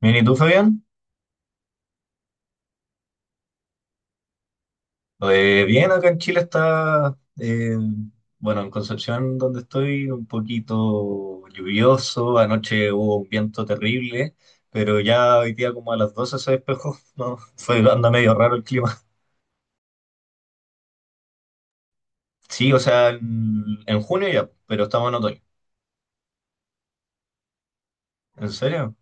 Bien, ¿y tú, Fabián? Bien, acá en Chile está, bueno, en Concepción, donde estoy, un poquito lluvioso. Anoche hubo un viento terrible, pero ya hoy día como a las 12 se despejó, ¿no? Fue, anda medio raro el clima. Sí, o sea, en junio ya, pero estamos en otoño. ¿En serio?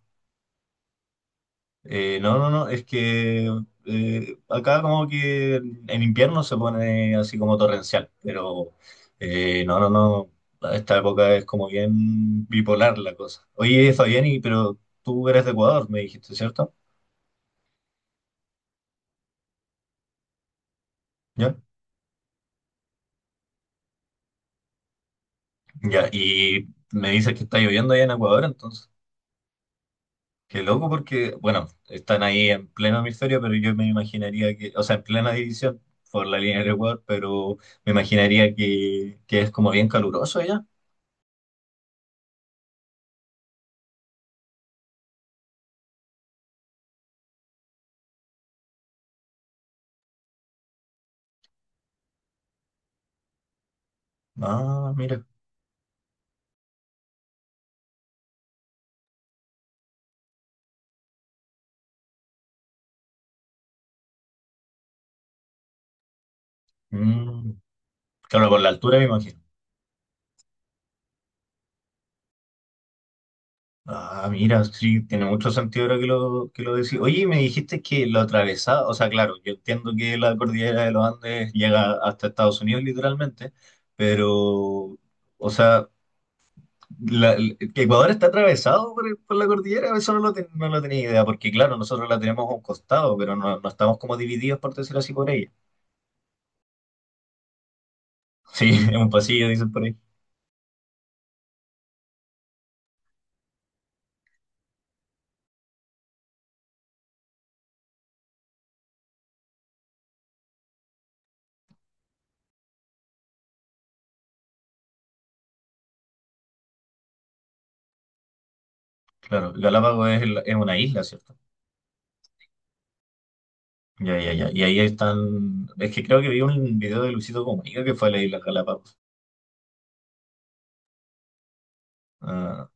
No, no, no, es que acá como que en invierno se pone así como torrencial, pero no, no, no, a esta época es como bien bipolar la cosa. Oye, Fabián, pero tú eres de Ecuador, me dijiste, ¿cierto? ¿Ya? Ya, y me dices que está lloviendo allá en Ecuador, entonces, qué loco porque, bueno, están ahí en pleno hemisferio, pero yo me imaginaría que, o sea, en plena división por la línea del Ecuador, pero me imaginaría que es como bien caluroso allá. Ah, mira. Mm. Claro, por la altura me imagino. Ah, mira, sí, tiene mucho sentido ahora que lo decís. Oye, y me dijiste que lo atravesaba, o sea, claro, yo entiendo que la cordillera de los Andes llega hasta Estados Unidos literalmente, pero, o sea, Ecuador está atravesado por, por la cordillera, eso no lo tenía idea, porque claro, nosotros la tenemos a un costado, pero no, no estamos como divididos, por decirlo así, por ella. Sí, es un pasillo, dicen por ahí. Claro, Galápagos es una isla, ¿cierto? Ya, ya, ya. Y ahí están. Es que creo que vi un video de Luisito Comunica que fue a la isla Galápagos. Ah,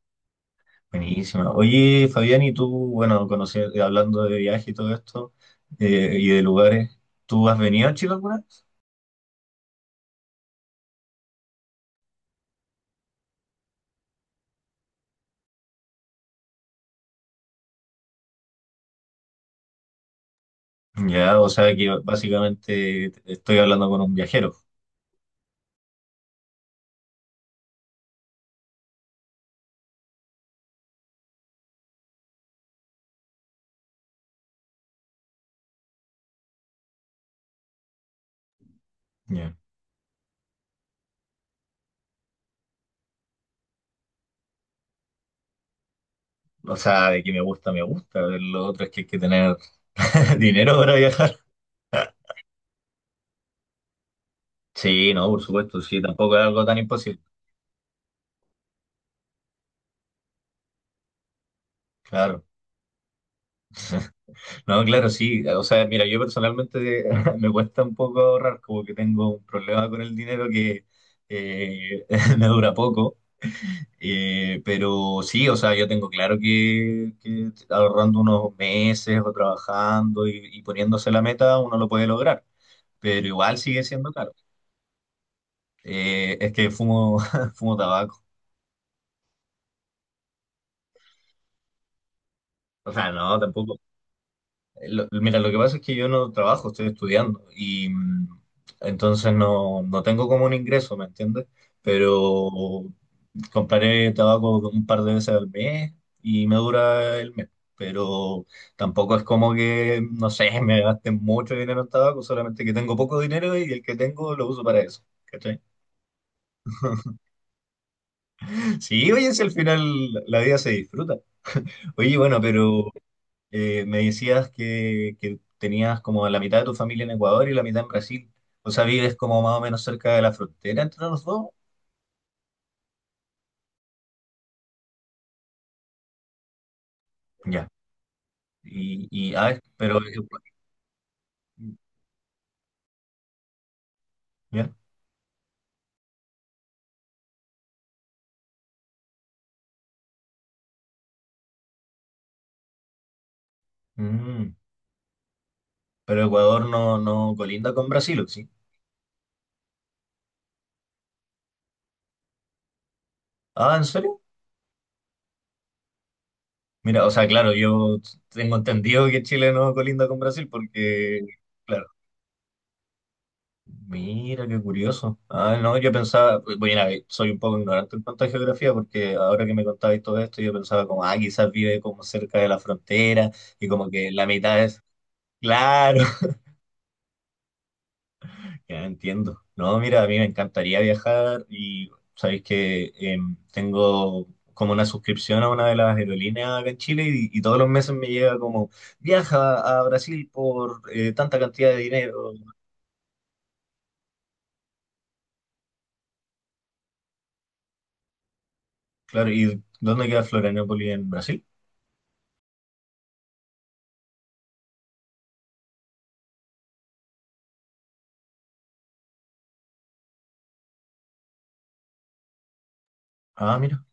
buenísima. Oye, Fabián, y tú, bueno, conocer, hablando de viaje y todo esto, y de lugares, ¿tú has venido a Chile alguna vez? Ya, o sea que básicamente estoy hablando con un viajero. Ya. O sea, de que me gusta, me gusta. Lo otro es que hay que tener dinero para viajar. Sí, no, por supuesto, sí, tampoco es algo tan imposible. Claro. No, claro, sí. O sea, mira, yo personalmente me cuesta un poco ahorrar, como que tengo un problema con el dinero que eh, me dura poco. Pero sí, o sea, yo tengo claro que, ahorrando unos meses o trabajando y poniéndose la meta, uno lo puede lograr. Pero igual sigue siendo caro. Es que fumo, fumo tabaco. O sea, no, tampoco. Mira, lo que pasa es que yo no trabajo, estoy estudiando y entonces no, no tengo como un ingreso, ¿me entiendes? Pero compraré tabaco un par de veces al mes y me dura el mes. Pero tampoco es como que, no sé, me gaste mucho dinero en tabaco, solamente que tengo poco dinero y el que tengo lo uso para eso. ¿Cachai? Sí, oye, si al final la vida se disfruta. Oye, bueno, pero me decías que tenías como la mitad de tu familia en Ecuador y la mitad en Brasil. O sea, vives como más o menos cerca de la frontera entre los dos. Ya. Y pero, ya. Mm. Pero Ecuador no, no colinda con Brasil, ¿o sí? Ah, ¿en serio? Mira, o sea, claro, yo tengo entendido que Chile no colinda con Brasil porque. Mira, qué curioso. Ah, no, yo pensaba, bueno, a ver, soy un poco ignorante en cuanto a geografía, porque ahora que me contabais todo esto, yo pensaba como, ah, quizás vive como cerca de la frontera y como que la mitad es, claro, ya entiendo. No, mira, a mí me encantaría viajar y sabéis que tengo como una suscripción a una de las aerolíneas acá en Chile y todos los meses me llega como, viaja a Brasil por tanta cantidad de dinero. Claro, ¿y dónde queda Florianópolis en Brasil? Ah, mira.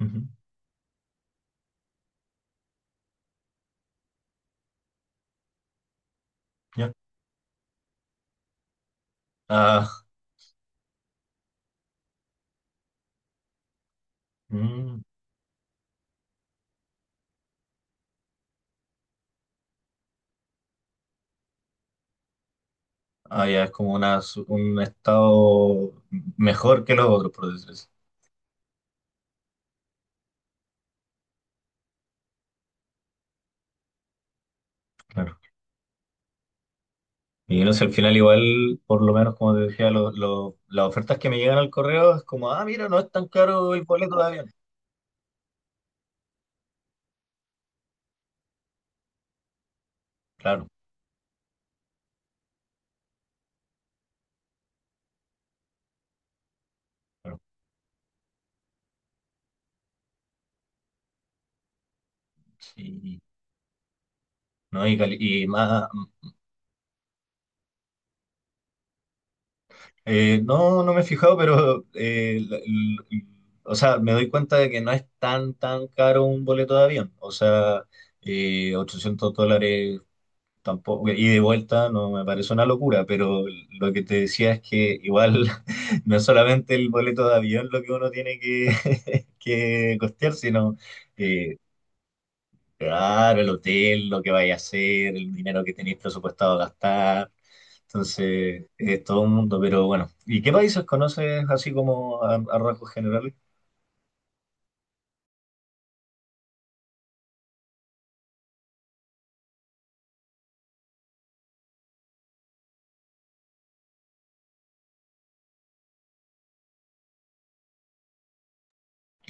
Ujú. Ya. Ah, mm, ya es como un estado mejor que los otros, por decir así. Claro. Y no sé, al final igual, por lo menos como te decía, las ofertas que me llegan al correo es como, ah, mira, no es tan caro el boleto de avión. Claro, claro. Sí, no, y más, no, no me he fijado, pero, o sea, me doy cuenta de que no es tan, tan caro un boleto de avión. O sea, $800 tampoco, y de vuelta no me parece una locura, pero lo que te decía es que igual no es solamente el boleto de avión lo que uno tiene que, que costear, sino, eh, claro, el hotel, lo que vaya a hacer, el dinero que tenéis presupuestado gastar. Entonces, es todo un mundo, pero bueno. ¿Y qué países conoces así como a rasgos generales?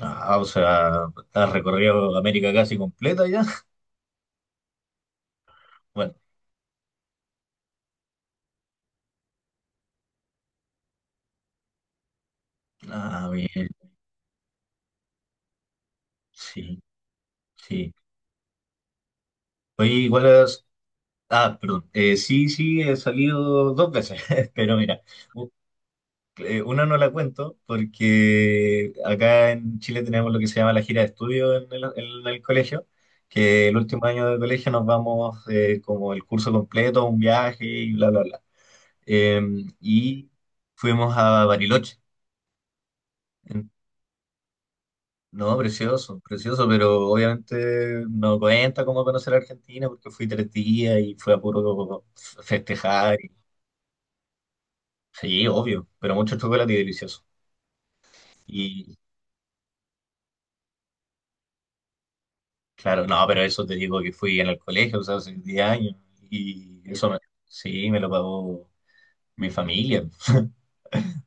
Ah, o sea, has recorrido América casi completa ya. Bueno, bien, sí, sí. Oye, igual. Ah, perdón. Sí, sí, he salido dos veces, pero mira, u- una no la cuento porque acá en Chile tenemos lo que se llama la gira de estudio en el, colegio, que el último año de colegio nos vamos como el curso completo, un viaje y bla, bla, bla. Eh, y fuimos a Bariloche. En- No, precioso, precioso, pero obviamente no cuenta cómo conocer a Argentina porque fui 3 días y fue a puro festejar. Sí, obvio, pero mucho chocolate y delicioso. Y claro, no, pero eso te digo que fui en el colegio, o sea, hace 10 años. Y eso me- sí, me lo pagó mi familia.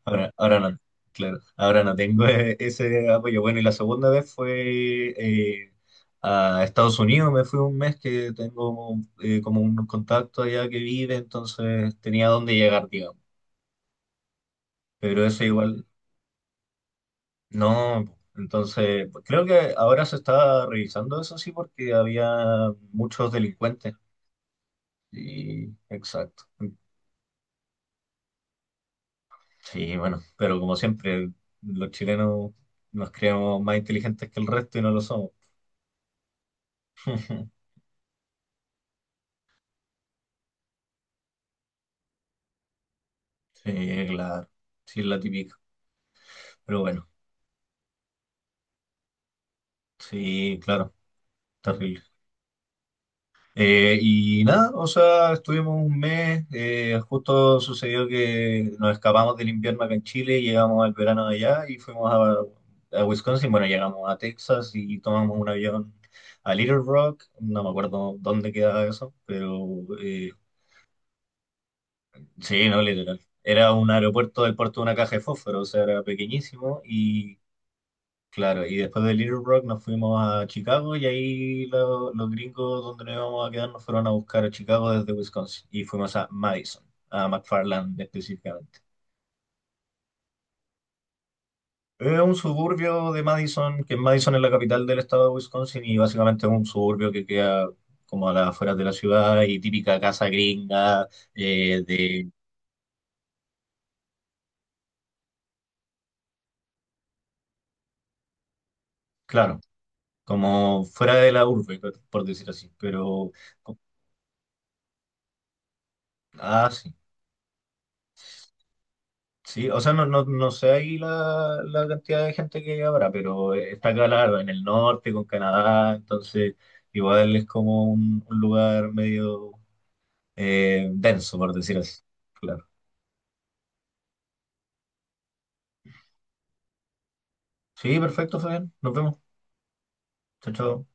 Ahora, ahora no, claro, ahora no tengo ese apoyo. Bueno, y la segunda vez fue a Estados Unidos, me fui un mes que tengo como un contacto allá que vive, entonces tenía dónde llegar, digamos. Pero eso igual. No, entonces pues, creo que ahora se está revisando eso sí porque había muchos delincuentes. Y exacto. Sí, bueno, pero como siempre, los chilenos nos creemos más inteligentes que el resto y no lo somos. Sí, claro, sí es la típica. Pero bueno, sí, claro, terrible. Y nada, o sea, estuvimos un mes, justo sucedió que nos escapamos del invierno acá en Chile, llegamos al verano de allá y fuimos a Wisconsin, bueno, llegamos a Texas y tomamos un avión a Little Rock, no me acuerdo dónde quedaba eso, pero eh, sí, no, literal. Era un aeropuerto del puerto de una caja de fósforo, o sea, era pequeñísimo. Claro, y después de Little Rock nos fuimos a Chicago y ahí los gringos donde nos íbamos a quedar nos fueron a buscar a Chicago desde Wisconsin y fuimos a Madison, a McFarland específicamente. Es un suburbio de Madison, que Madison es la capital del estado de Wisconsin y básicamente es un suburbio que queda como a las afueras de la ciudad y típica casa gringa eh, de, claro, como fuera de la urbe, por decir así, pero... Ah, sí. Sí, o sea, no, no, no sé ahí la cantidad de gente que habrá, pero está acá, claro, en el norte, con Canadá, entonces igual es como un lugar medio denso, por decir así. Claro. Sí, perfecto, Fabián. Nos vemos. Chao, chao.